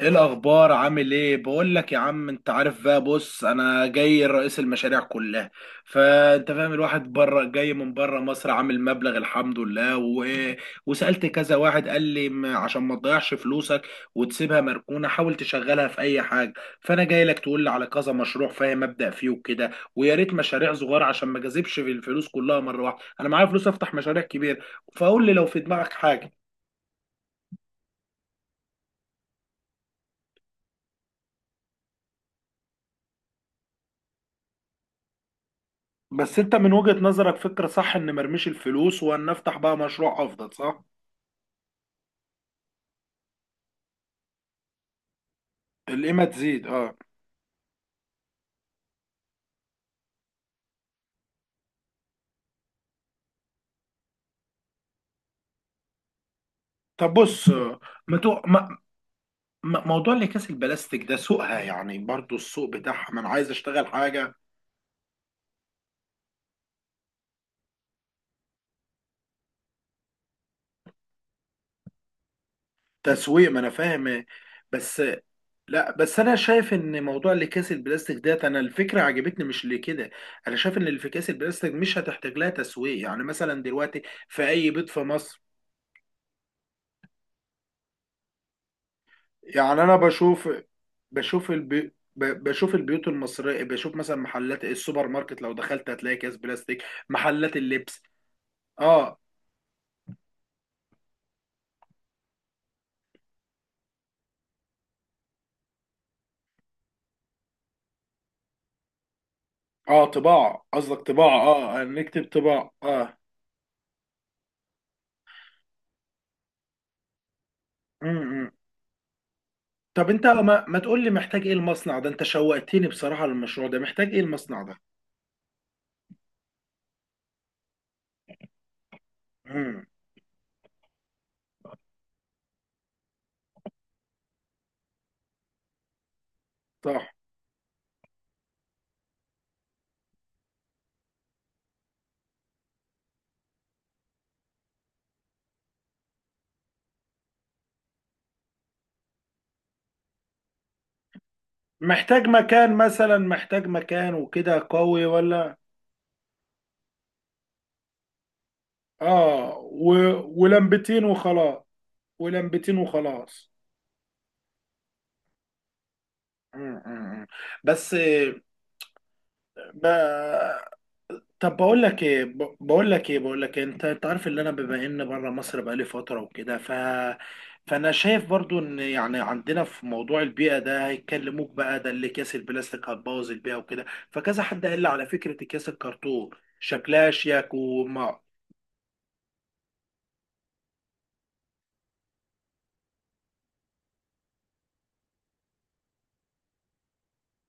ايه الاخبار؟ عامل ايه؟ بقول لك يا عم، انت عارف بقى. بص، انا جاي رئيس المشاريع كلها. فانت فاهم، الواحد بره جاي من بره مصر، عامل مبلغ الحمد لله وسالت كذا واحد قال لي عشان ما تضيعش فلوسك وتسيبها مركونه، حاول تشغلها في اي حاجه. فانا جاي لك تقول لي على كذا مشروع، فاهم، ابدا فيه وكده. ويا ريت مشاريع صغيره عشان ما جذبش في الفلوس كلها مره واحده، انا معايا فلوس افتح مشاريع كبيره. فقول لي لو في دماغك حاجه. بس انت من وجهة نظرك فكرة صح ان مرميش الفلوس وان نفتح بقى مشروع افضل، صح؟ القيمة تزيد، اه. طب بص. ما تو... ما... ما- موضوع اللي كاس البلاستيك ده، سوقها يعني برضو، السوق بتاعها، ما انا عايز اشتغل حاجة. تسويق، ما انا فاهم. بس. لا بس انا شايف ان موضوع اللي كاس البلاستيك ده، انا الفكرة عجبتني، مش لكده. انا شايف ان اللي في كاس البلاستيك مش هتحتاج لها تسويق، يعني مثلا دلوقتي في اي بيت في مصر. يعني انا بشوف، بشوف البي... بشوف البيوت المصرية، بشوف مثلا محلات السوبر ماركت، لو دخلت هتلاقي كيس بلاستيك، محلات اللبس. اه، اه، طباعة قصدك، طباعة، اه، نكتب طباعة، اه. امم طب انت ما تقول لي محتاج ايه المصنع ده، انت شوقتني بصراحة للمشروع ده، محتاج ايه المصنع ده؟ امم، صح. محتاج مكان مثلا، محتاج مكان وكده قوي ولا؟ اه، ولمبتين وخلاص، ولمبتين وخلاص. مم، مم. بس. ب... طب بقول لك ايه، بقول لك إيه؟ انت عارف ان انا بما ان بره مصر بقالي فتره وكده، فانا شايف برضو ان يعني عندنا في موضوع البيئه ده، هيكلموك بقى ده اللي كاس البلاستيك هتبوظ البيئه وكده. فكذا حد قال لي على فكره اكياس الكرتون، شكلها شيك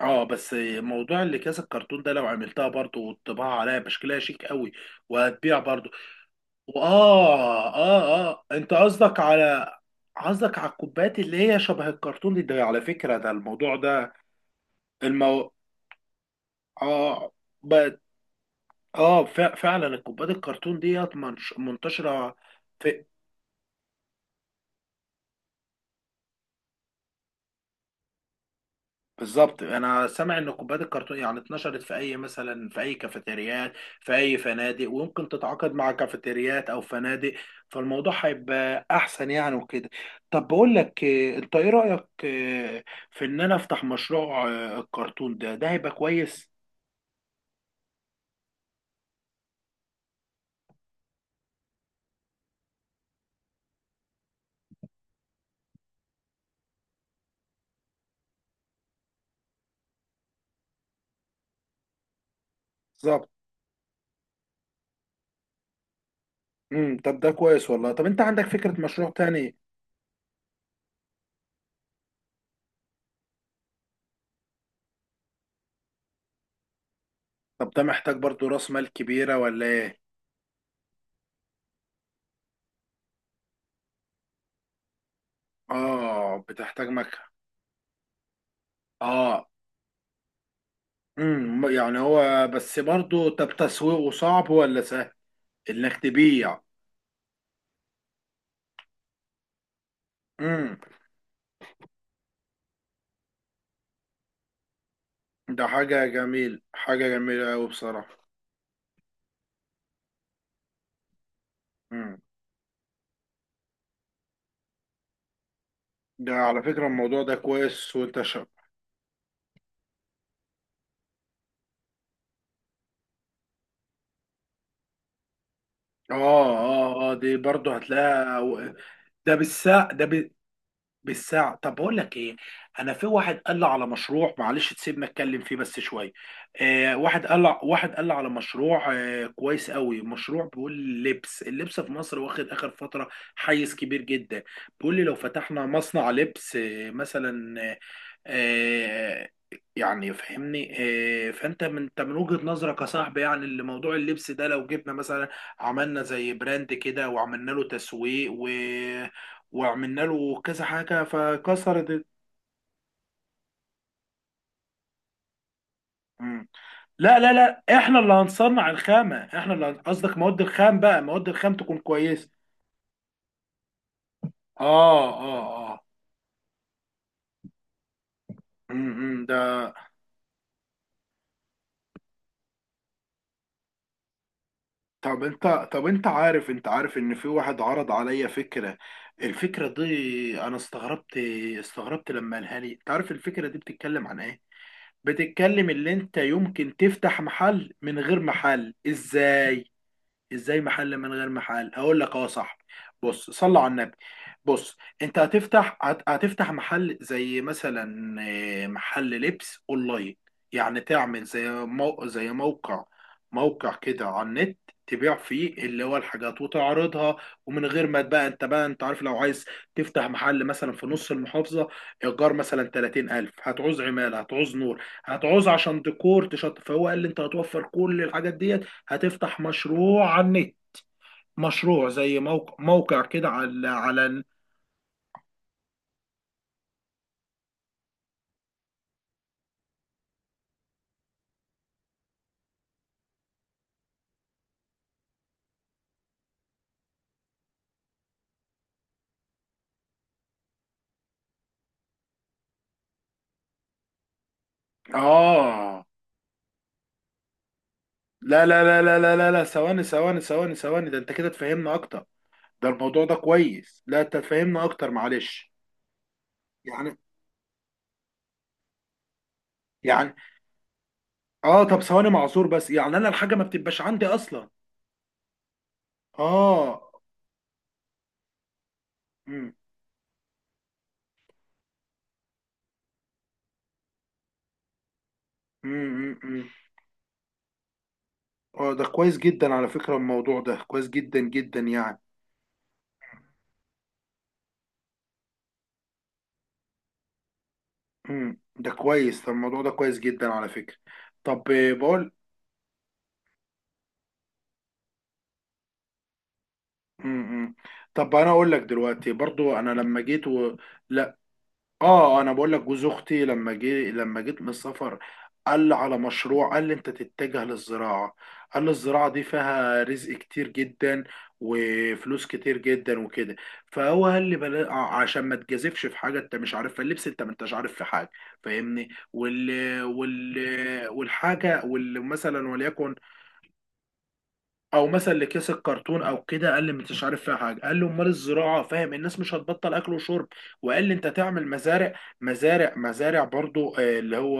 اه. بس موضوع اللي كاس الكرتون ده لو عملتها برضو والطباعه عليها بشكلها شيك قوي، وهتبيع برضو. واه، اه، اه، انت قصدك على قصدك على الكوبايات اللي هي شبه الكرتون ده، على فكرة ده الموضوع ده. المو اه ب... اه ف... فعلا الكوبايات الكرتون ديت منتشرة في. بالظبط، انا سامع ان الكوبايات الكرتون يعني اتنشرت في اي، مثلا في اي كافيتريات، في اي فنادق، ويمكن تتعاقد مع كافيتريات او فنادق. فالموضوع هيبقى احسن يعني وكده. طب بقول لك إيه، انت ايه رايك، إيه، في ان انا افتح مشروع الكرتون ده، ده هيبقى كويس. بالظبط. طب ده كويس والله، طب انت عندك فكره مشروع تاني؟ طب ده محتاج برضو راس مال كبيره ولا ايه؟ اه، بتحتاج مكه. اه، يعني هو بس برضه، طب تسويقه صعب ولا سهل؟ انك تبيع؟ امم ده حاجة جميل، حاجة جميلة أوي بصراحة. امم ده على فكرة الموضوع ده كويس، وانت اه، اه، اه، دي برضه هتلاقيها ده بالساعة، بالساعة. طب بقول لك ايه، انا في واحد قال لي على مشروع، معلش تسيبنا اتكلم فيه بس شوية. واحد قال لي على مشروع كويس قوي، مشروع بيقول لبس، اللبس في مصر واخد اخر فترة حيز كبير جدا. بيقول لي لو فتحنا مصنع لبس مثلا، آه، يعني فهمني. فانت من انت من وجهة نظرك يا صاحبي يعني اللي موضوع اللبس ده، لو جبنا مثلا عملنا زي براند كده، وعملنا له تسويق وعملنا له كذا حاجه، فكسرت مم. لا، لا، لا، احنا اللي هنصنع الخامه، قصدك مواد الخام بقى، مواد الخام تكون كويسه. اه، اه، اه. ده. طب انت طب انت عارف، ان في واحد عرض عليا فكره، الفكره دي انا استغربت، لما قالها لي، انت عارف الفكره دي بتتكلم عن ايه؟ بتتكلم اللي انت يمكن تفتح محل من غير محل، ازاي؟ ازاي محل من غير محل؟ هقول لك. اه، صح. بص، صلى على النبي. بص. انت هتفتح محل زي مثلا محل لبس اونلاين، يعني تعمل زي زي موقع، موقع كده على النت، تبيع فيه اللي هو الحاجات وتعرضها. ومن غير ما بقى، انت عارف لو عايز تفتح محل مثلا في نص المحافظة، ايجار مثلا 30,000، هتعوز عمالة، هتعوز نور، هتعوز عشان ديكور تشط، فهو قال لي انت هتوفر كل الحاجات دي، هتفتح مشروع على النت، مشروع زي موقع، كده على اه. لا، لا، لا، لا، لا، لا، لا، ثواني، ثواني، ثواني، ثواني، ده انت كده تفهمنا اكتر. ده الموضوع ده كويس، لا انت تفهمنا اكتر، معلش. يعني، يعني، اه طب ثواني معذور بس، يعني انا الحاجه ما بتبقاش عندي اصلا. اه. امم، امم. امم، اه، ده كويس جدا على فكره، الموضوع ده كويس جدا جدا يعني. امم، ده كويس، ده الموضوع ده كويس جدا على فكره. طب، بقول. امم، طب انا اقول لك دلوقتي برضو، انا لما جيت لا. اه، انا بقول لك، جوز اختي لما جي لما جيت من السفر، قال لي على مشروع، قال لي انت تتجه للزراعه، قال لي الزراعه دي فيها رزق كتير جدا، وفلوس كتير جدا وكده. فهو قال لي عشان ما تجازفش في حاجه انت مش عارفها، اللبس انت ما انتش عارف في حاجه. فاهمني، والحاجه مثلا وليكن، او مثلا اللي كيس الكرتون او كده، قال لي مش عارف فيها حاجه، قال لي امال الزراعه، فاهم، الناس مش هتبطل اكل وشرب. وقال لي انت تعمل مزارع، برضو اللي هو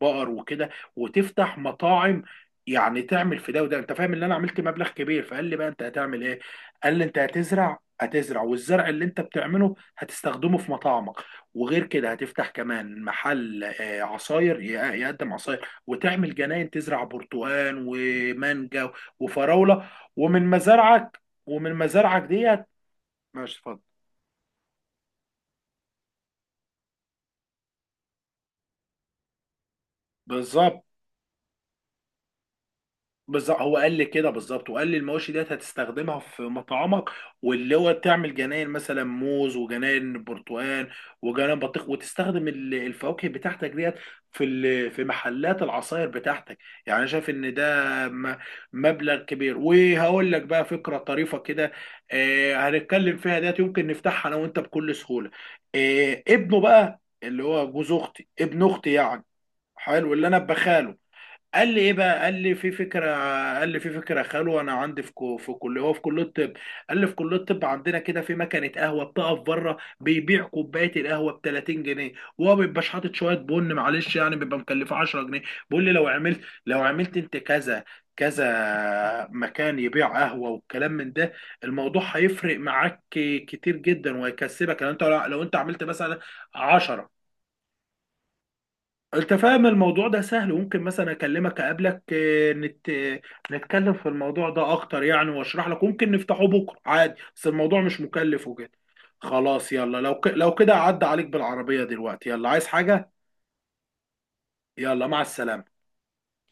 بقر وكده، وتفتح مطاعم، يعني تعمل في ده وده، انت فاهم ان انا عملت مبلغ كبير، فقال لي بقى انت هتعمل ايه؟ قال لي انت هتزرع، والزرع اللي انت بتعمله هتستخدمه في مطاعمك، وغير كده هتفتح كمان محل عصاير، يقدم عصاير، وتعمل جناين تزرع برتقال ومانجا وفراوله، ومن مزارعك ديت. ماشي، اتفضل. بالظبط. بالظبط، هو قال لي كده بالظبط، وقال لي المواشي ديت هتستخدمها في مطعمك، واللي هو تعمل جناين مثلا موز، وجناين برتقال، وجناين بطيخ، وتستخدم الفواكه بتاعتك ديت في محلات العصاير بتاعتك. يعني انا شايف ان ده م- مبلغ كبير. وهقول لك بقى فكرة طريفة كده، هنتكلم فيها ديت، يمكن نفتحها انا وانت بكل سهولة. ابنه بقى اللي هو جوز اختي، ابن اختي يعني، حلو اللي انا بخاله، قال لي ايه بقى، قال لي في فكره، قال لي في فكره خلوه. انا عندي في كو في كليه، هو في كليه الطب. قال لي في كليه الطب عندنا كده في مكنه قهوه بتقف بره، بيبيع كوبايه القهوه ب 30 جنيه، وهو ما بيبقاش حاطط شويه بن، معلش يعني، بيبقى مكلفه 10 جنيه. بيقول لي لو عملت، انت كذا، كذا مكان يبيع قهوه والكلام من ده، الموضوع هيفرق معاك كتير جدا، وهيكسبك لو انت عملت مثلا 10. انت فاهم الموضوع ده سهل، وممكن مثلا اكلمك، اقابلك، آه، نت... آه، نتكلم في الموضوع ده اكتر يعني، واشرح لك، ممكن نفتحه بكره عادي، بس الموضوع مش مكلف وكده. خلاص يلا، لو كده عدى عليك بالعربية دلوقتي، يلا عايز حاجة؟ يلا، مع السلامة.